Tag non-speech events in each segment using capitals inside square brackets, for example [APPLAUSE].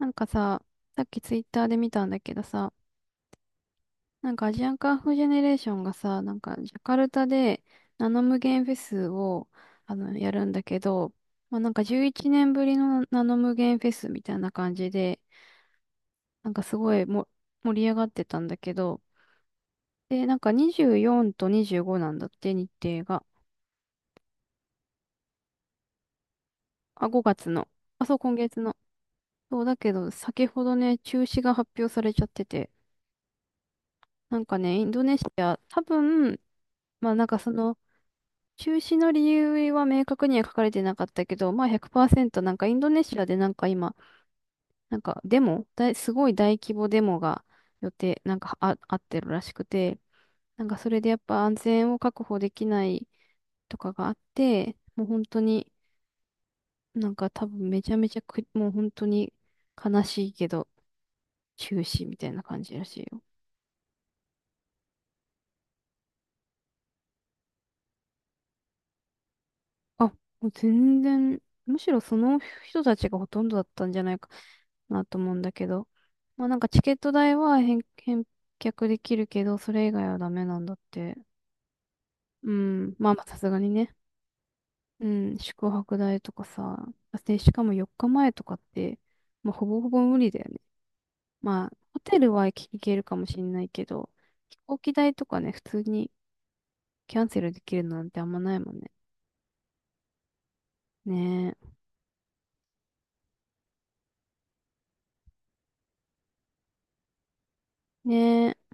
なんかさ、さっきツイッターで見たんだけどさ、なんかアジアンカンフージェネレーションがさ、なんかジャカルタでナノ無限フェスをやるんだけど、まあ、なんか11年ぶりのナノ無限フェスみたいな感じで、なんかすごい盛り上がってたんだけど、で、なんか24と25なんだって、日程が。あ、5月の。あ、そう、今月の。そうだけど、先ほどね、中止が発表されちゃってて、なんかね、インドネシア、多分、まあなんかその、中止の理由は明確には書かれてなかったけど、まあ100%なんかインドネシアでなんか今、なんかデモ、すごい大規模デモが予定、なんかあってるらしくて、なんかそれでやっぱ安全を確保できないとかがあって、もう本当になんか多分めちゃめちゃく、もう本当に悲しいけど中止みたいな感じらしいよ。あ、もう全然、むしろその人たちがほとんどだったんじゃないかなと思うんだけど。まあなんかチケット代は返却できるけど、それ以外はダメなんだって。うん。まあまあさすがにね。うん。宿泊代とかさ。で、しかも4日前とかって、まあほぼほぼ無理だよね。まあ、ホテルは行けるかもしんないけど、飛行機代とかね、普通にキャンセルできるなんてあんまないもんね。ねえ。ねえ。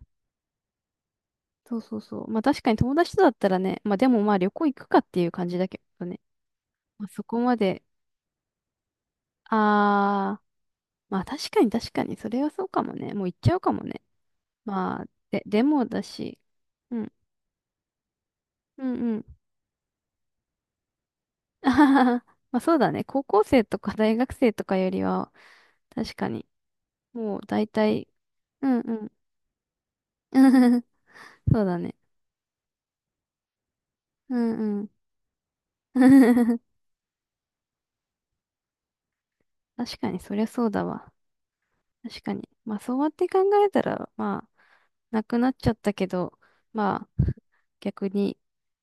そうそうそう。まあ確かに友達とだったらね、まあでもまあ旅行行くかっていう感じだけどね。まあそこまで、あー、まあ確かに確かに、それはそうかもね。もう行っちゃうかもね。まあ、でもだし、うん、うんうん。[LAUGHS] あはははまあそうだね。高校生とか大学生とかよりは、確かに、もう大体、うんうん。[LAUGHS] そうだね。うんうん。[LAUGHS] 確かに、そりゃそうだわ。確かに。まあそうやって考えたら、まあ、なくなっちゃったけど、まあ、[LAUGHS] 逆に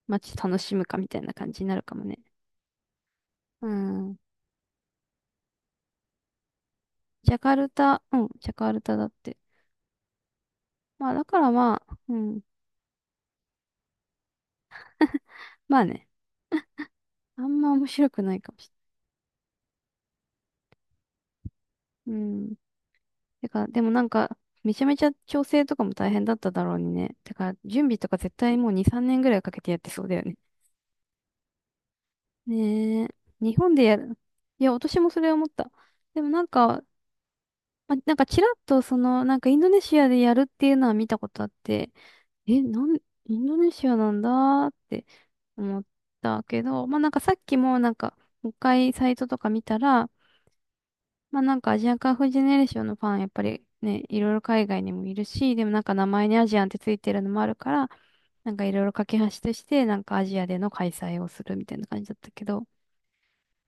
街楽しむかみたいな感じになるかもね。うん。ジャカルタ、うん、ジャカルタだって。まあだからまあ、うん。まあね、あんま面白くないかもしれない。うん。てか、でもなんか、めちゃめちゃ調整とかも大変だっただろうにね。てか、準備とか絶対もう2、3年ぐらいかけてやってそうだよね。ねえ。日本でやる。いや、私もそれ思った。でもなんか、まあ、なんかちらっとその、なんかインドネシアでやるっていうのは見たことあって、え、インドネシアなんだって思ったけど、まあなんかさっきもなんか、もう一回サイトとか見たら、まあなんかアジアンカンフージェネレーションのファン、やっぱりね、いろいろ海外にもいるし、でもなんか名前にアジアンってついてるのもあるから、なんかいろいろ架け橋として、なんかアジアでの開催をするみたいな感じだったけど、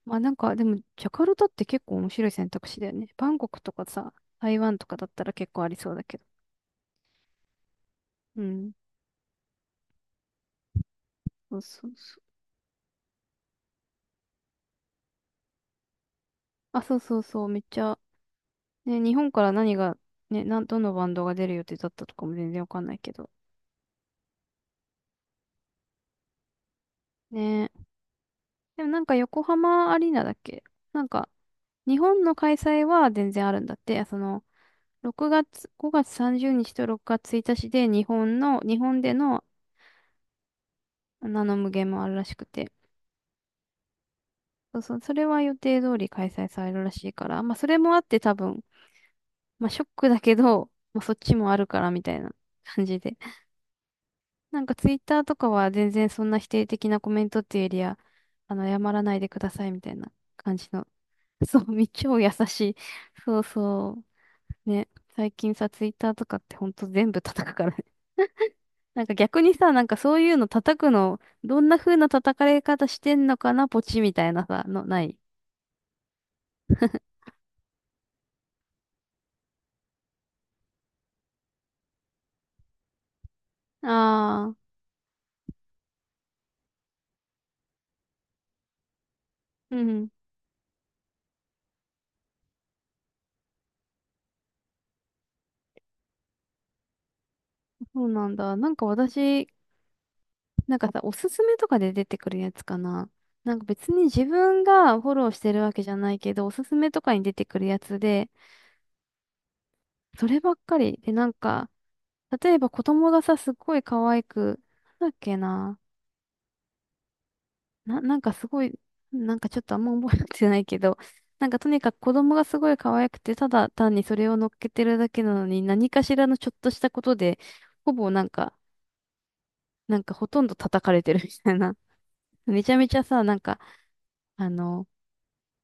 まあなんか、でも、ジャカルタって結構面白い選択肢だよね。バンコクとかさ、台湾とかだったら結構ありそうだけど。うん。そうそうそう。あ、そうそうそう。めっちゃ、ね、日本から何が、ね、どのバンドが出る予定だったとかも全然わかんないけど。ね。でもなんか横浜アリーナだっけなんか、日本の開催は全然あるんだって。その、6月、5月30日と6月1日で日本でのナノ無限もあるらしくて。そうそう、それは予定通り開催されるらしいから、まあそれもあって多分、まあショックだけど、まあそっちもあるからみたいな感じで。[LAUGHS] なんかツイッターとかは全然そんな否定的なコメントっていうよりは、あの、謝らないでくださいみたいな感じの。[LAUGHS] そう、超優しい。[LAUGHS] そうそう。ね。最近さ、ツイッターとかってほんと全部叩くからね。[LAUGHS] なんか逆にさ、なんかそういうの叩くの、どんな風な叩かれ方してんのかな、ポチみたいなさ、の、ない。ああ、うんそうなんだ。なんか私、なんかさ、おすすめとかで出てくるやつかな。なんか別に自分がフォローしてるわけじゃないけど、おすすめとかに出てくるやつで、そればっかり。で、なんか、例えば子供がさ、すっごい可愛く、なんだっけな。なんかすごい、なんかちょっとあんま覚えてないけど、なんかとにかく子供がすごい可愛くて、ただ単にそれを乗っけてるだけなのに、何かしらのちょっとしたことで、ほぼなんか、なんかほとんど叩かれてるみたいな。めちゃめちゃさ、なんか、あの、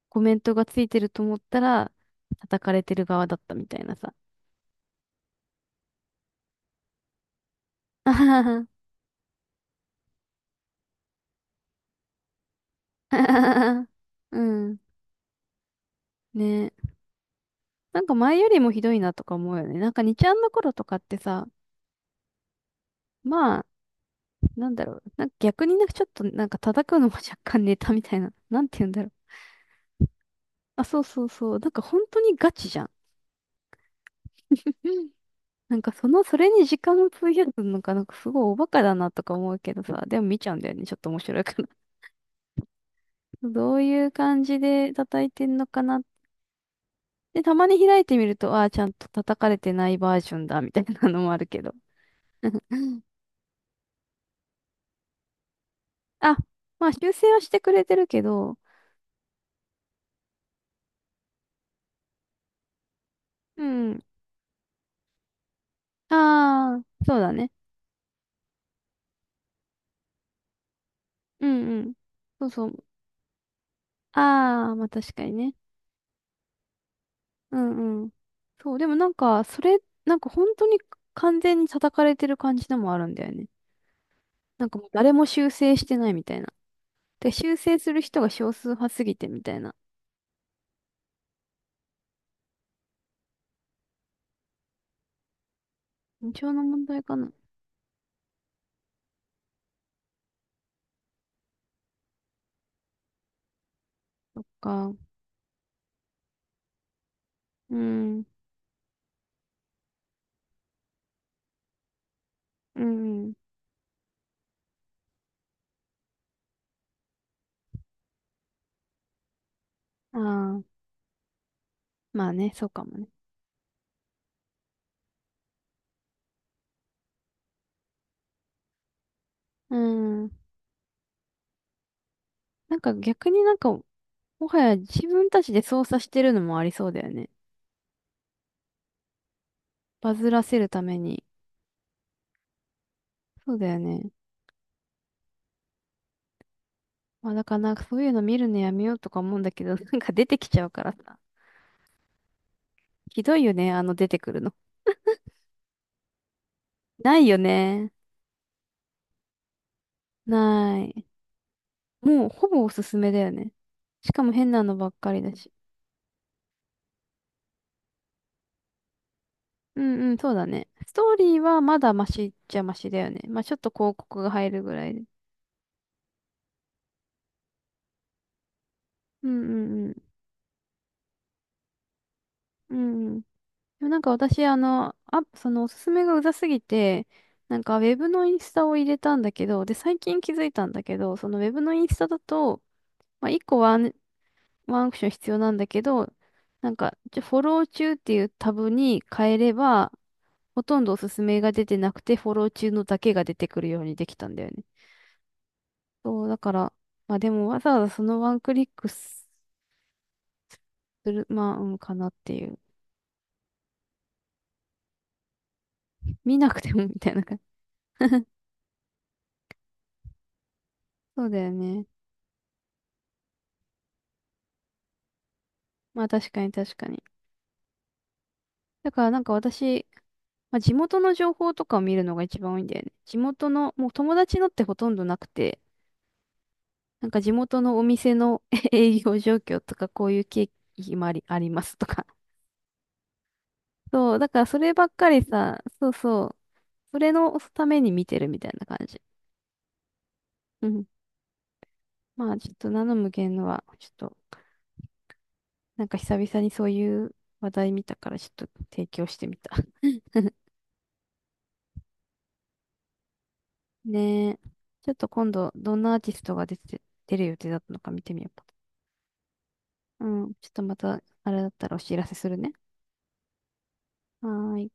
コメントがついてると思ったら、叩かれてる側だったみたいなさ。[LAUGHS] あははは。[LAUGHS] うん。ね。なんか前よりもひどいなとか思うよね。なんかにちゃんの頃とかってさ、まあ、なんだろう。なんか逆になんかちょっとなんか叩くのも若干ネタみたいな。なんて言うんだろう。あ、そうそうそう。なんか本当にガチじゃん。[LAUGHS] うんなんかその、それに時間を費やすのか、なんかすごいおバカだなとか思うけどさ、でも見ちゃうんだよね。ちょっと面白いから。[LAUGHS] どういう感じで叩いてんのかなっで、たまに開いてみると、ああ、ちゃんと叩かれてないバージョンだ、みたいなのもあるけど。あ、まあ修正はしてくれてるけど、うん。ああ、そうだね。うんうん。そうそう。ああ、まあ確かにね。うんうん。そう、でもなんか、それ、なんか本当に完全に叩かれてる感じのもあるんだよね。なんかもう誰も修正してないみたいな。で、修正する人が少数派すぎてみたいな。印象の問題かな。そっか。うん。うんうん。ああ、まあね、そうかもね。うん。なんか逆になんか、もはや自分たちで操作してるのもありそうだよね。バズらせるために。そうだよね。まあだからなんかそういうの見るのやめようとか思うんだけど、[LAUGHS] なんか出てきちゃうからさ。ひどいよね、あの出てくるの。ないよね。ない。もうほぼおすすめだよね。しかも変なのばっかりだし。うんうん、そうだね。ストーリーはまだマシっちゃマシだよね。まあちょっと広告が入るぐらいで。うんうんうん。うんうんでもなんか私、あの、あ、そのおすすめがうざすぎて、なんかウェブのインスタを入れたんだけど、で、最近気づいたんだけど、そのウェブのインスタだと、まあ、1個ワンアクション必要なんだけど、なんか、フォロー中っていうタブに変えれば、ほとんどおすすめが出てなくて、フォロー中のだけが出てくるようにできたんだよね。そう、だから、まあでもわざわざそのワンクリックする、まあ、うんかなっていう。見なくてもみたいな感じ。そうだよね。まあ確かに確かに。だからなんか私、まあ、地元の情報とかを見るのが一番多いんだよね。地元の、もう友達のってほとんどなくて、なんか地元のお店の [LAUGHS] 営業状況とか、こういう経緯もありますとか。そう、だからそればっかりさ、そうそう、それのために見てるみたいな感じ。うん。まあちょっとナノ無限のは、ちょっと、なんか久々にそういう話題見たから、ちょっと提供してみた。[LAUGHS] ねえ。ちょっと今度、どんなアーティストが出る予定だったのか見てみようか。うん。ちょっとまた、あれだったらお知らせするね。はーい。